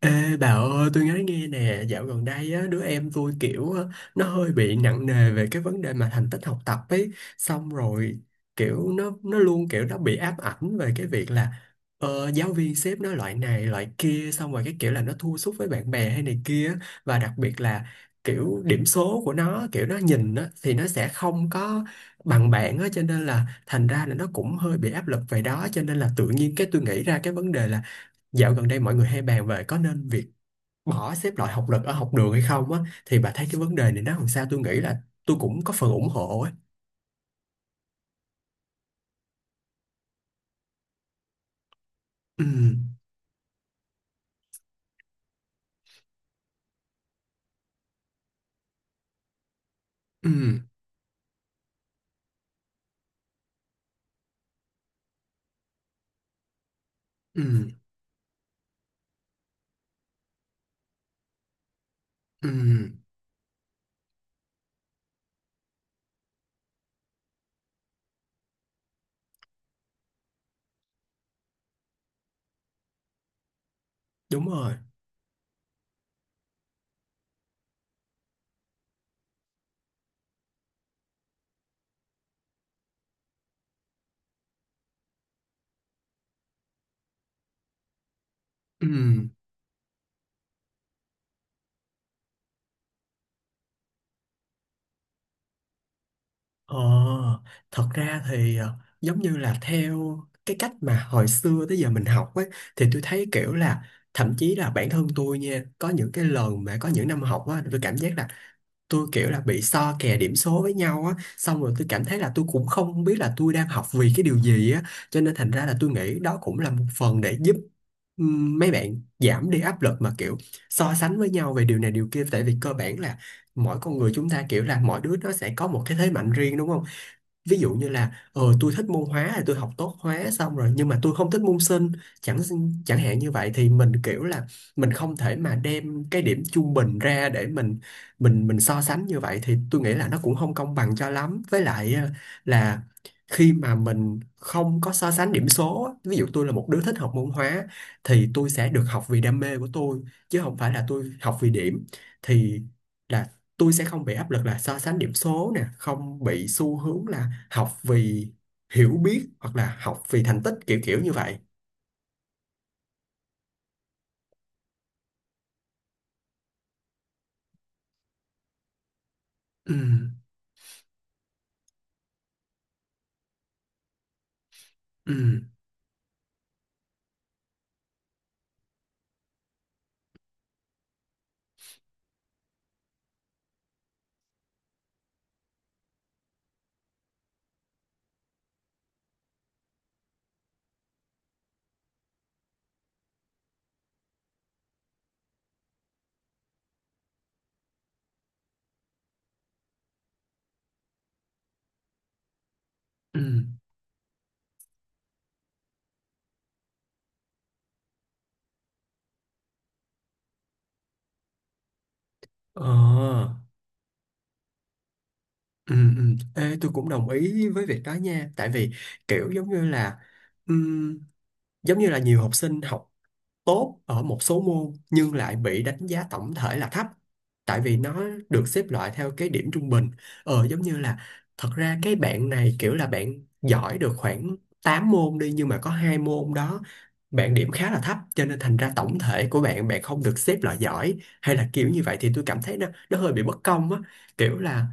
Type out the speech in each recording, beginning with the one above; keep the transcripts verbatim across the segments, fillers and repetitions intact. Ê bà ơi tôi nói nghe nè, dạo gần đây á, đứa em tôi kiểu á, nó hơi bị nặng nề về cái vấn đề mà thành tích học tập ấy. Xong rồi kiểu nó nó luôn kiểu nó bị ám ảnh về cái việc là ờ, giáo viên xếp nó loại này loại kia, xong rồi cái kiểu là nó thua sút với bạn bè hay này kia, và đặc biệt là kiểu điểm số của nó, kiểu nó nhìn á thì nó sẽ không có bằng bạn á, cho nên là thành ra là nó cũng hơi bị áp lực về đó. Cho nên là tự nhiên cái tôi nghĩ ra cái vấn đề là dạo gần đây mọi người hay bàn về có nên việc bỏ xếp loại học lực ở học đường hay không á, thì bà thấy cái vấn đề này nó làm sao? Tôi nghĩ là tôi cũng có phần ủng hộ ấy. Ừ, ừ, ừ, ừ, đúng rồi. Ừ, ờ, thật ra thì ờ, giống như là theo cái cách mà hồi xưa tới giờ mình học ấy, thì tôi thấy kiểu là thậm chí là bản thân tôi nha, có những cái lần mà có những năm học á, tôi cảm giác là tôi kiểu là bị so kè điểm số với nhau á, xong rồi tôi cảm thấy là tôi cũng không biết là tôi đang học vì cái điều gì á. Cho nên thành ra là tôi nghĩ đó cũng là một phần để giúp ừm, mấy bạn giảm đi áp lực mà kiểu so sánh với nhau về điều này điều kia. Tại vì cơ bản là mỗi con người chúng ta kiểu là mỗi đứa nó sẽ có một cái thế mạnh riêng, đúng không? Ví dụ như là ờ tôi thích môn hóa thì tôi học tốt hóa, xong rồi nhưng mà tôi không thích môn sinh chẳng chẳng hạn như vậy, thì mình kiểu là mình không thể mà đem cái điểm trung bình ra để mình mình mình so sánh như vậy. Thì tôi nghĩ là nó cũng không công bằng cho lắm, với lại ờ, là khi mà mình không có so sánh điểm số á, ví dụ tôi là một đứa thích học môn hóa thì tôi sẽ được học vì đam mê của tôi, chứ không phải là tôi học vì điểm. Thì là tôi sẽ không bị áp lực là so sánh điểm số nè, không bị xu hướng là học vì hiểu biết hoặc là học vì thành tích kiểu kiểu như vậy. Ừ, ừ, ừ, ờ, ừ, ừ, ê, tôi cũng đồng ý với việc đó nha. Tại vì kiểu giống như là ừm, giống như là nhiều học sinh học tốt ở một số môn nhưng lại bị đánh giá tổng thể là thấp, tại vì nó được xếp loại theo cái điểm trung bình. Ờ, giống như là thật ra cái bạn này kiểu là bạn giỏi được khoảng tám môn đi, nhưng mà có hai môn đó bạn điểm khá là thấp, cho nên thành ra tổng thể của bạn, bạn không được xếp loại giỏi hay là kiểu như vậy, thì tôi cảm thấy nó nó hơi bị bất công á. Kiểu là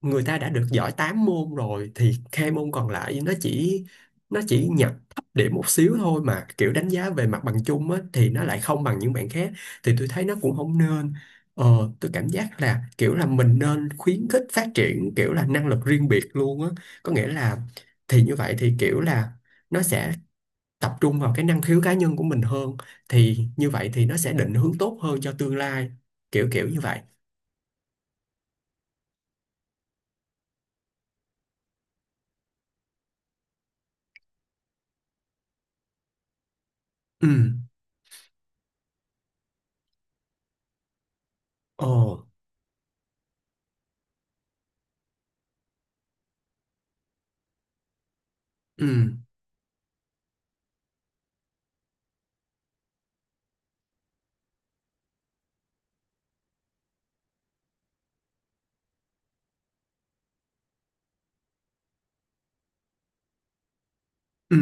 người ta đã được giỏi tám môn rồi thì hai môn còn lại nó chỉ nó chỉ nhập thấp điểm một xíu thôi, mà kiểu đánh giá về mặt bằng chung á thì nó lại không bằng những bạn khác. Thì tôi thấy nó cũng không nên. Ờ, tôi cảm giác là kiểu là mình nên khuyến khích phát triển kiểu là năng lực riêng biệt luôn á, có nghĩa là thì như vậy thì kiểu là nó sẽ tập trung vào cái năng khiếu cá nhân của mình hơn, thì như vậy thì nó sẽ định hướng tốt hơn cho tương lai kiểu kiểu như vậy. Ừ, ồ, ừ, ừ,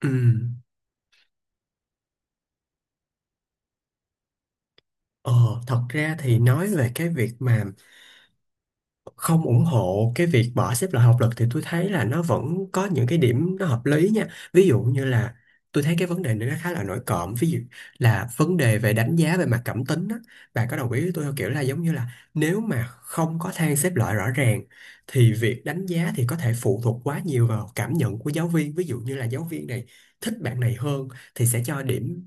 ừ. Ờ, thật ra thì nói về cái việc mà không ủng hộ cái việc bỏ xếp loại học lực, thì tôi thấy là nó vẫn có những cái điểm nó hợp lý nha. Ví dụ như là tôi thấy cái vấn đề này nó khá là nổi cộm. Ví dụ là vấn đề về đánh giá về mặt cảm tính á. Bà có đồng ý với tôi không? Kiểu là giống như là nếu mà không có thang xếp loại rõ ràng thì việc đánh giá thì có thể phụ thuộc quá nhiều vào cảm nhận của giáo viên. Ví dụ như là giáo viên này thích bạn này hơn thì sẽ cho điểm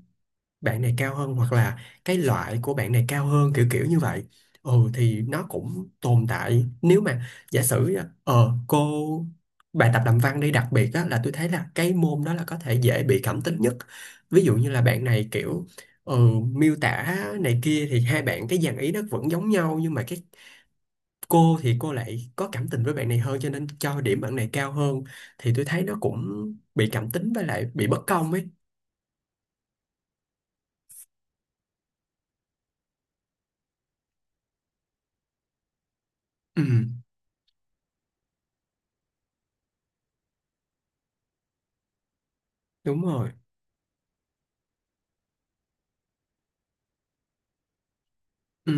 bạn này cao hơn, hoặc là cái loại của bạn này cao hơn kiểu kiểu như vậy. Ừ, thì nó cũng tồn tại nếu mà giả sử ờ cô bài tập làm văn đi, đặc biệt á là tôi thấy là cái môn đó là có thể dễ bị cảm tính nhất. Ví dụ như là bạn này kiểu ừ, miêu tả này kia, thì hai bạn cái dàn ý nó vẫn giống nhau nhưng mà cái cô thì cô lại có cảm tình với bạn này hơn cho nên cho điểm bạn này cao hơn, thì tôi thấy nó cũng bị cảm tính với lại bị bất công ấy. Ừ, đúng rồi, ừ,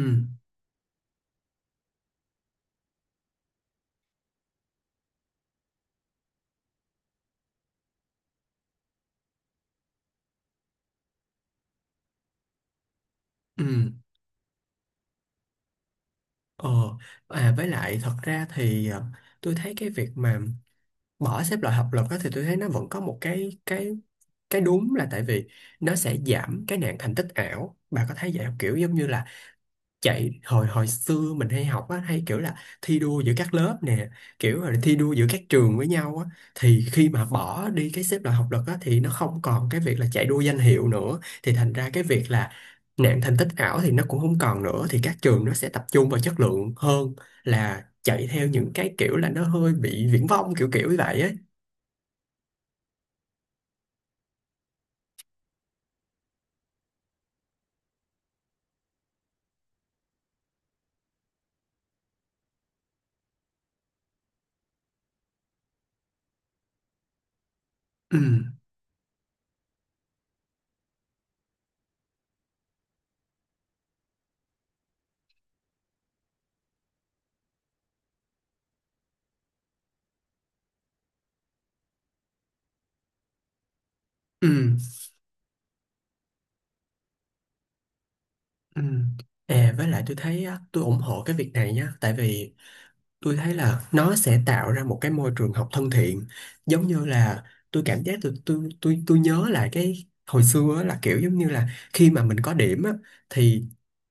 ừ. Ờ, à, với lại thật ra thì à, tôi thấy cái việc mà bỏ xếp loại học lực á, thì tôi thấy nó vẫn có một cái cái cái đúng, là tại vì nó sẽ giảm cái nạn thành tích ảo. Bà có thấy vậy không? Kiểu giống như là chạy hồi hồi xưa mình hay học á, hay kiểu là thi đua giữa các lớp nè, kiểu là thi đua giữa các trường với nhau á, thì khi mà bỏ đi cái xếp loại học lực á thì nó không còn cái việc là chạy đua danh hiệu nữa, thì thành ra cái việc là nạn thành tích ảo thì nó cũng không còn nữa, thì các trường nó sẽ tập trung vào chất lượng hơn là chạy theo những cái kiểu là nó hơi bị viển vông kiểu kiểu như vậy ấy. Ừ, ừ, ừ. À, với lại tôi thấy á, tôi ủng hộ cái việc này nhá. Tại vì tôi thấy là nó sẽ tạo ra một cái môi trường học thân thiện. Giống như là tôi cảm giác tôi tôi tôi tôi nhớ lại cái hồi xưa á, là kiểu giống như là khi mà mình có điểm á, thì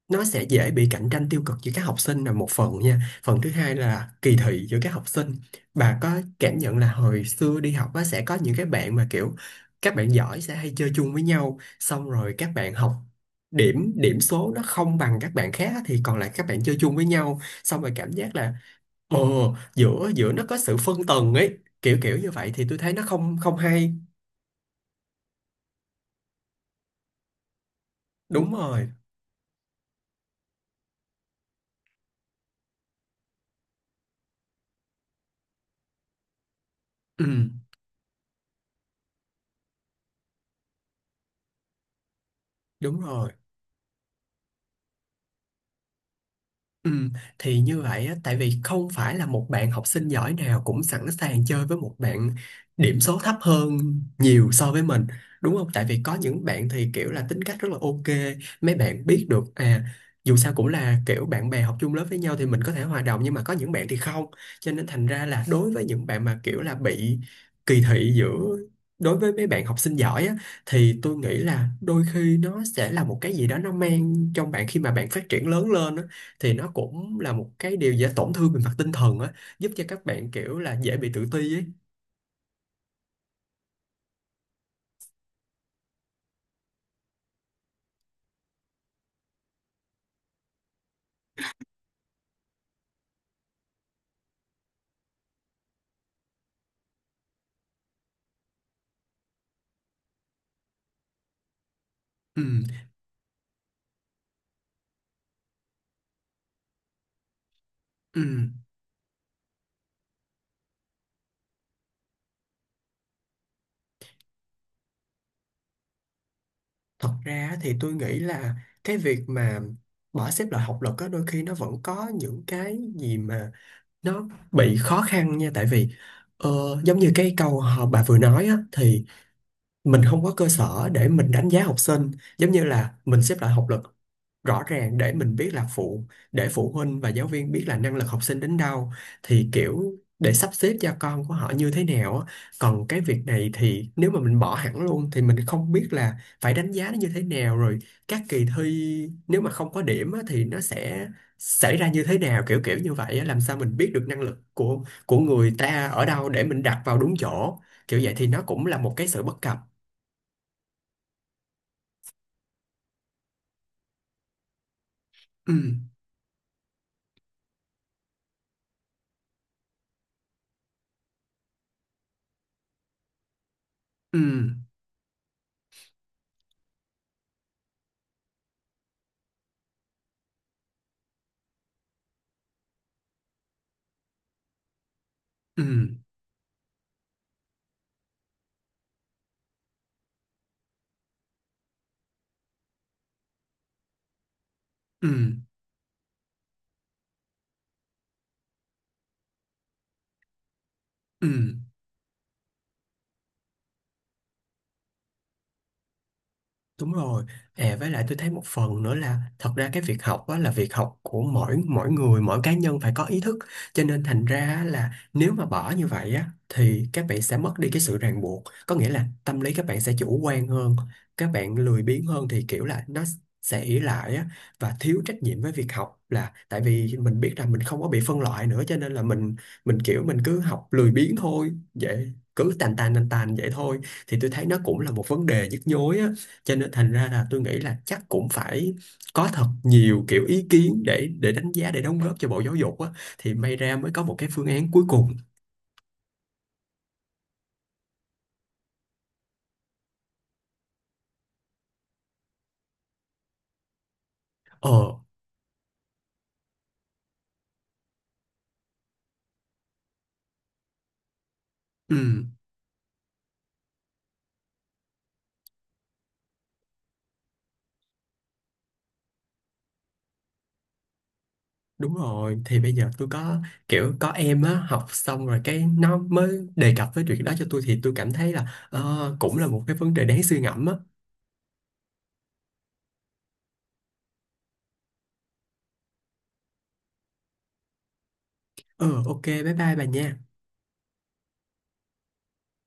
nó sẽ dễ bị cạnh tranh tiêu cực giữa các học sinh là một phần nha, phần thứ hai là kỳ thị giữa các học sinh. Bà có cảm nhận là hồi xưa đi học á, sẽ có những cái bạn mà kiểu các bạn giỏi sẽ hay chơi chung với nhau, xong rồi các bạn học điểm điểm số nó không bằng các bạn khác á, thì còn lại các bạn chơi chung với nhau, xong rồi cảm giác là ồ, giữa giữa nó có sự phân tầng ấy, kiểu kiểu như vậy thì tôi thấy nó không không hay. Đúng rồi. Ừ, đúng rồi. Ừ, thì như vậy á, tại vì không phải là một bạn học sinh giỏi nào cũng sẵn sàng chơi với một bạn điểm số thấp hơn nhiều so với mình, đúng không? Tại vì có những bạn thì kiểu là tính cách rất là ok, mấy bạn biết được à, dù sao cũng là kiểu bạn bè học chung lớp với nhau thì mình có thể hòa đồng, nhưng mà có những bạn thì không. Cho nên thành ra là đối với những bạn mà kiểu là bị kỳ thị giữa đối với mấy bạn học sinh giỏi á, thì tôi nghĩ là đôi khi nó sẽ là một cái gì đó nó mang trong bạn khi mà bạn phát triển lớn lên á, thì nó cũng là một cái điều dễ tổn thương về mặt tinh thần á, giúp cho các bạn kiểu là dễ bị tự ti ấy. Ừ, ừ. Thật ra á, thì tôi nghĩ là cái việc mà bỏ xếp loại học lực á đôi khi nó vẫn có những cái gì mà nó bị khó khăn nha. Tại vì ờ, giống như cái câu họ bà vừa nói á, thì mình không có cơ sở để mình đánh giá học sinh, giống như là mình xếp loại học lực rõ ràng để mình biết là phụ, để phụ huynh và giáo viên biết là năng lực học sinh đến đâu thì kiểu để sắp xếp cho con của họ như thế nào á. Còn cái việc này thì nếu mà mình bỏ hẳn luôn thì mình không biết là phải đánh giá nó như thế nào rồi, các kỳ thi nếu mà không có điểm á, thì nó sẽ xảy ra như thế nào kiểu kiểu như vậy á. Làm sao mình biết được năng lực của của người ta ở đâu để mình đặt vào đúng chỗ kiểu vậy? Thì nó cũng là một cái sự bất cập. Ừ, ừ, ừ, ừ, ừ. Đúng rồi. À, với lại tôi thấy một phần nữa là thật ra cái việc học á, là việc học của mỗi mỗi người, mỗi cá nhân phải có ý thức. Cho nên thành ra á là nếu mà bỏ như vậy á thì các bạn sẽ mất đi cái sự ràng buộc. Có nghĩa là tâm lý các bạn sẽ chủ quan hơn, các bạn lười biếng hơn, thì kiểu là nó sẽ ỷ lại á, và thiếu trách nhiệm với việc học, là tại vì mình biết rằng mình không có bị phân loại nữa, cho nên là mình mình kiểu mình cứ học lười biếng thôi. Vậy cứ tàn tàn tàn tàn vậy thôi, thì tôi thấy nó cũng là một vấn đề nhức nhối á. Cho nên thành ra là tôi nghĩ là chắc cũng phải có thật nhiều kiểu ý kiến để để đánh giá, để đóng góp cho Bộ Giáo dục á, thì may ra mới có một cái phương án cuối cùng. Ờ, ừ, đúng rồi. Thì bây giờ tôi có kiểu có em á, học xong rồi cái nó mới đề cập với chuyện đó cho tôi, thì tôi cảm thấy là ờ, cũng là một cái vấn đề đáng suy ngẫm á. Ừ, ok, bye bye bà nha.